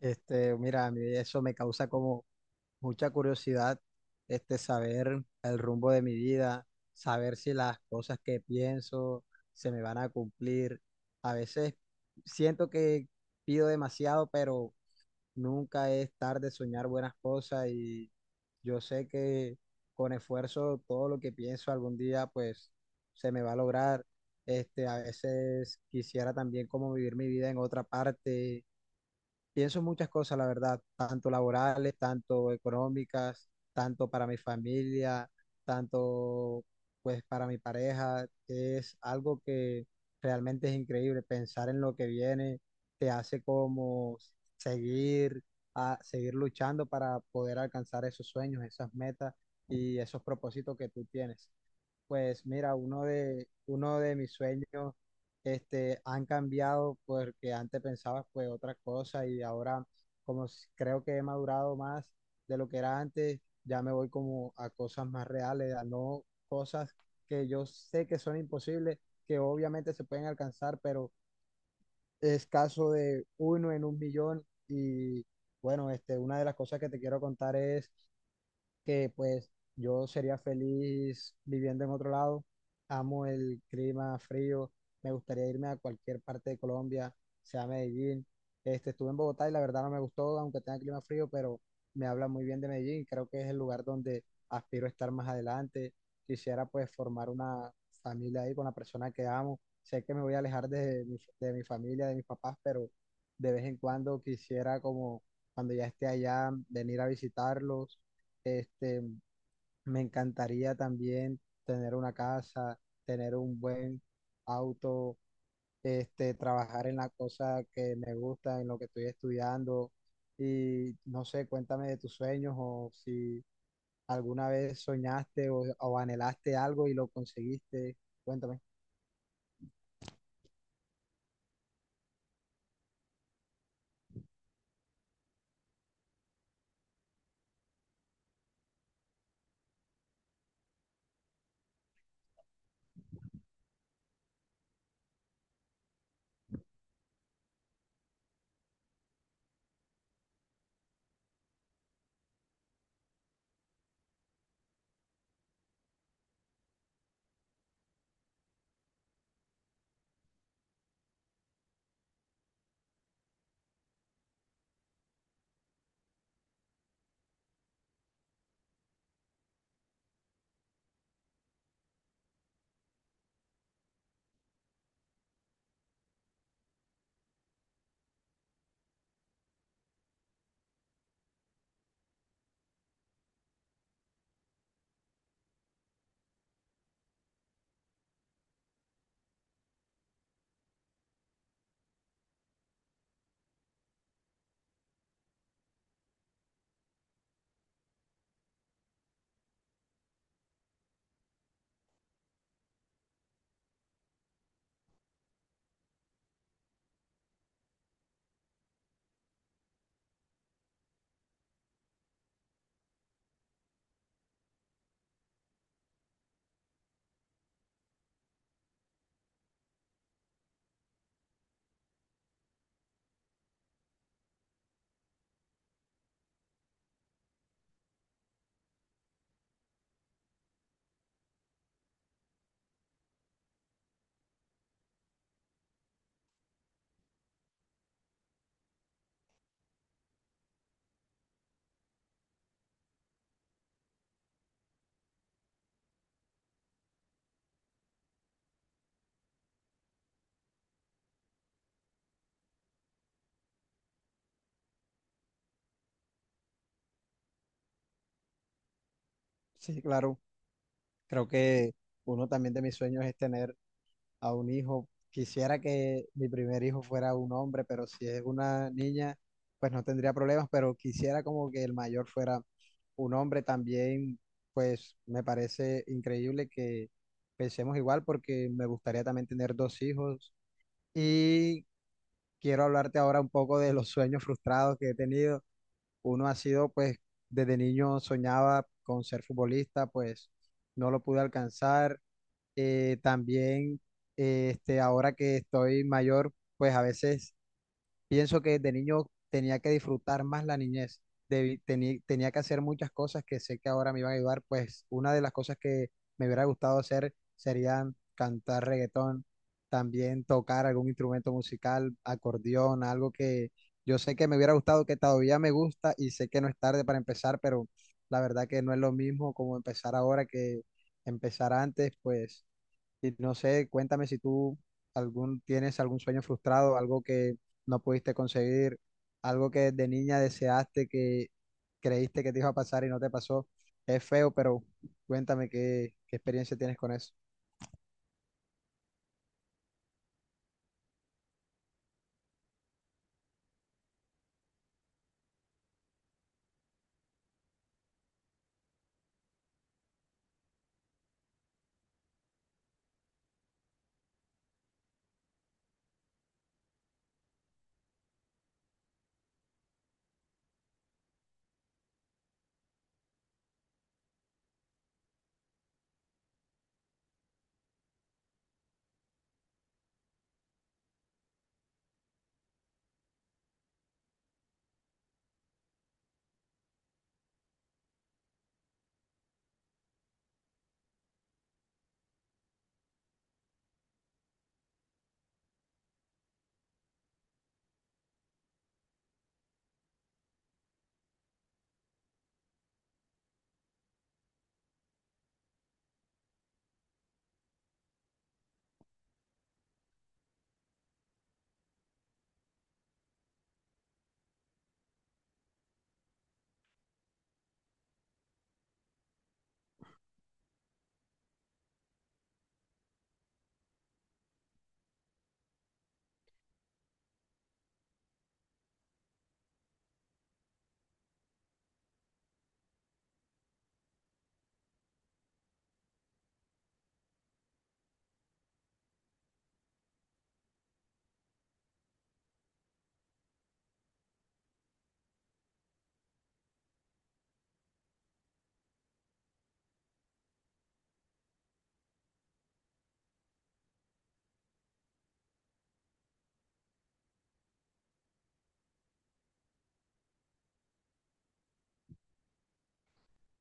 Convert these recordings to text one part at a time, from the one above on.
Mira, a mí eso me causa como mucha curiosidad, saber el rumbo de mi vida, saber si las cosas que pienso se me van a cumplir. A veces siento que pido demasiado, pero nunca es tarde soñar buenas cosas y yo sé que con esfuerzo todo lo que pienso algún día, pues, se me va a lograr. A veces quisiera también como vivir mi vida en otra parte. Pienso muchas cosas, la verdad, tanto laborales, tanto económicas, tanto para mi familia, tanto pues para mi pareja. Es algo que realmente es increíble. Pensar en lo que viene te hace como seguir seguir luchando para poder alcanzar esos sueños, esas metas y esos propósitos que tú tienes. Pues mira, uno de mis sueños han cambiado porque antes pensaba pues otra cosa y ahora creo que he madurado más de lo que era antes, ya me voy como a cosas más reales, a no cosas que yo sé que son imposibles, que obviamente se pueden alcanzar, pero es caso de uno en un millón y bueno, una de las cosas que te quiero contar es que pues yo sería feliz viviendo en otro lado. Amo el clima frío, me gustaría irme a cualquier parte de Colombia, sea Medellín. Estuve en Bogotá y la verdad no me gustó, aunque tenga clima frío, pero me habla muy bien de Medellín. Creo que es el lugar donde aspiro a estar más adelante. Quisiera pues formar una familia ahí con la persona que amo. Sé que me voy a alejar de mi familia, de mis papás, pero de vez en cuando quisiera como cuando ya esté allá, venir a visitarlos. este, Me encantaría también tener una casa, tener un buen auto, trabajar en la cosa que me gusta, en lo que estoy estudiando. Y no sé, cuéntame de tus sueños o si alguna vez soñaste o anhelaste algo y lo conseguiste. Cuéntame. Sí, claro. Creo que uno también de mis sueños es tener a un hijo. Quisiera que mi primer hijo fuera un hombre, pero si es una niña, pues no tendría problemas, pero quisiera como que el mayor fuera un hombre también, pues me parece increíble que pensemos igual porque me gustaría también tener dos hijos y quiero hablarte ahora un poco de los sueños frustrados que he tenido. Uno ha sido, pues, desde niño soñaba con ser futbolista, pues no lo pude alcanzar. También, ahora que estoy mayor, pues a veces pienso que de niño tenía que disfrutar más la niñez, tenía que hacer muchas cosas que sé que ahora me iban a ayudar, pues una de las cosas que me hubiera gustado hacer serían cantar reggaetón, también tocar algún instrumento musical, acordeón, algo que yo sé que me hubiera gustado, que todavía me gusta y sé que no es tarde para empezar, pero la verdad que no es lo mismo como empezar ahora que empezar antes, pues y no sé, cuéntame si tú tienes algún sueño frustrado, algo que no pudiste conseguir, algo que de niña deseaste que creíste que te iba a pasar y no te pasó. Es feo, pero cuéntame qué experiencia tienes con eso.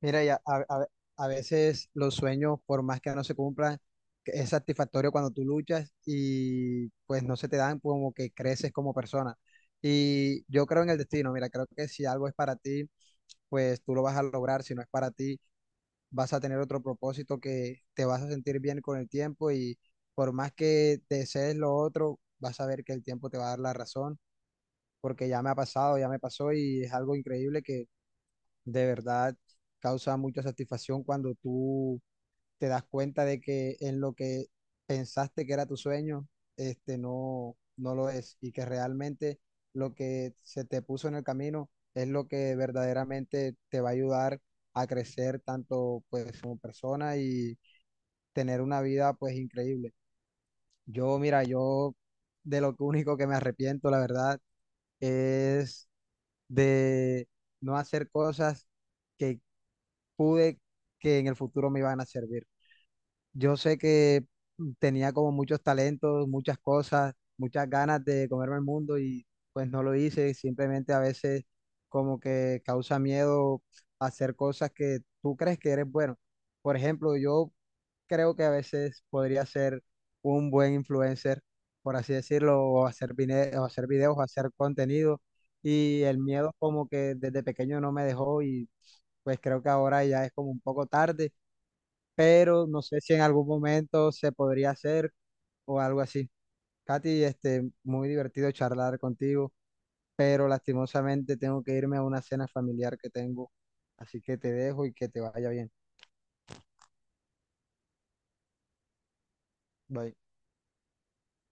Mira, ya, a veces los sueños, por más que no se cumplan, que es satisfactorio cuando tú luchas y pues no se te dan como que creces como persona. Y yo creo en el destino, mira, creo que si algo es para ti, pues tú lo vas a lograr, si no es para ti vas a tener otro propósito que te vas a sentir bien con el tiempo y por más que desees lo otro, vas a ver que el tiempo te va a dar la razón, porque ya me ha pasado, ya me pasó y es algo increíble que de verdad causa mucha satisfacción cuando tú te das cuenta de que en lo que pensaste que era tu sueño, no, no lo es y que realmente lo que se te puso en el camino es lo que verdaderamente te va a ayudar a crecer tanto pues como persona y tener una vida pues increíble. Yo, mira, yo de lo que único que me arrepiento, la verdad, es de no hacer cosas que pude que en el futuro me iban a servir. Yo sé que tenía como muchos talentos, muchas cosas, muchas ganas de comerme el mundo y pues no lo hice. Simplemente a veces como que causa miedo hacer cosas que tú crees que eres bueno. Por ejemplo, yo creo que a veces podría ser un buen influencer, por así decirlo, o hacer, o hacer videos, o hacer contenido. Y el miedo como que desde pequeño no me dejó y pues creo que ahora ya es como un poco tarde pero no sé si en algún momento se podría hacer o algo así. Katy, muy divertido charlar contigo, pero lastimosamente tengo que irme a una cena familiar que tengo, así que te dejo y que te vaya bien. Bye.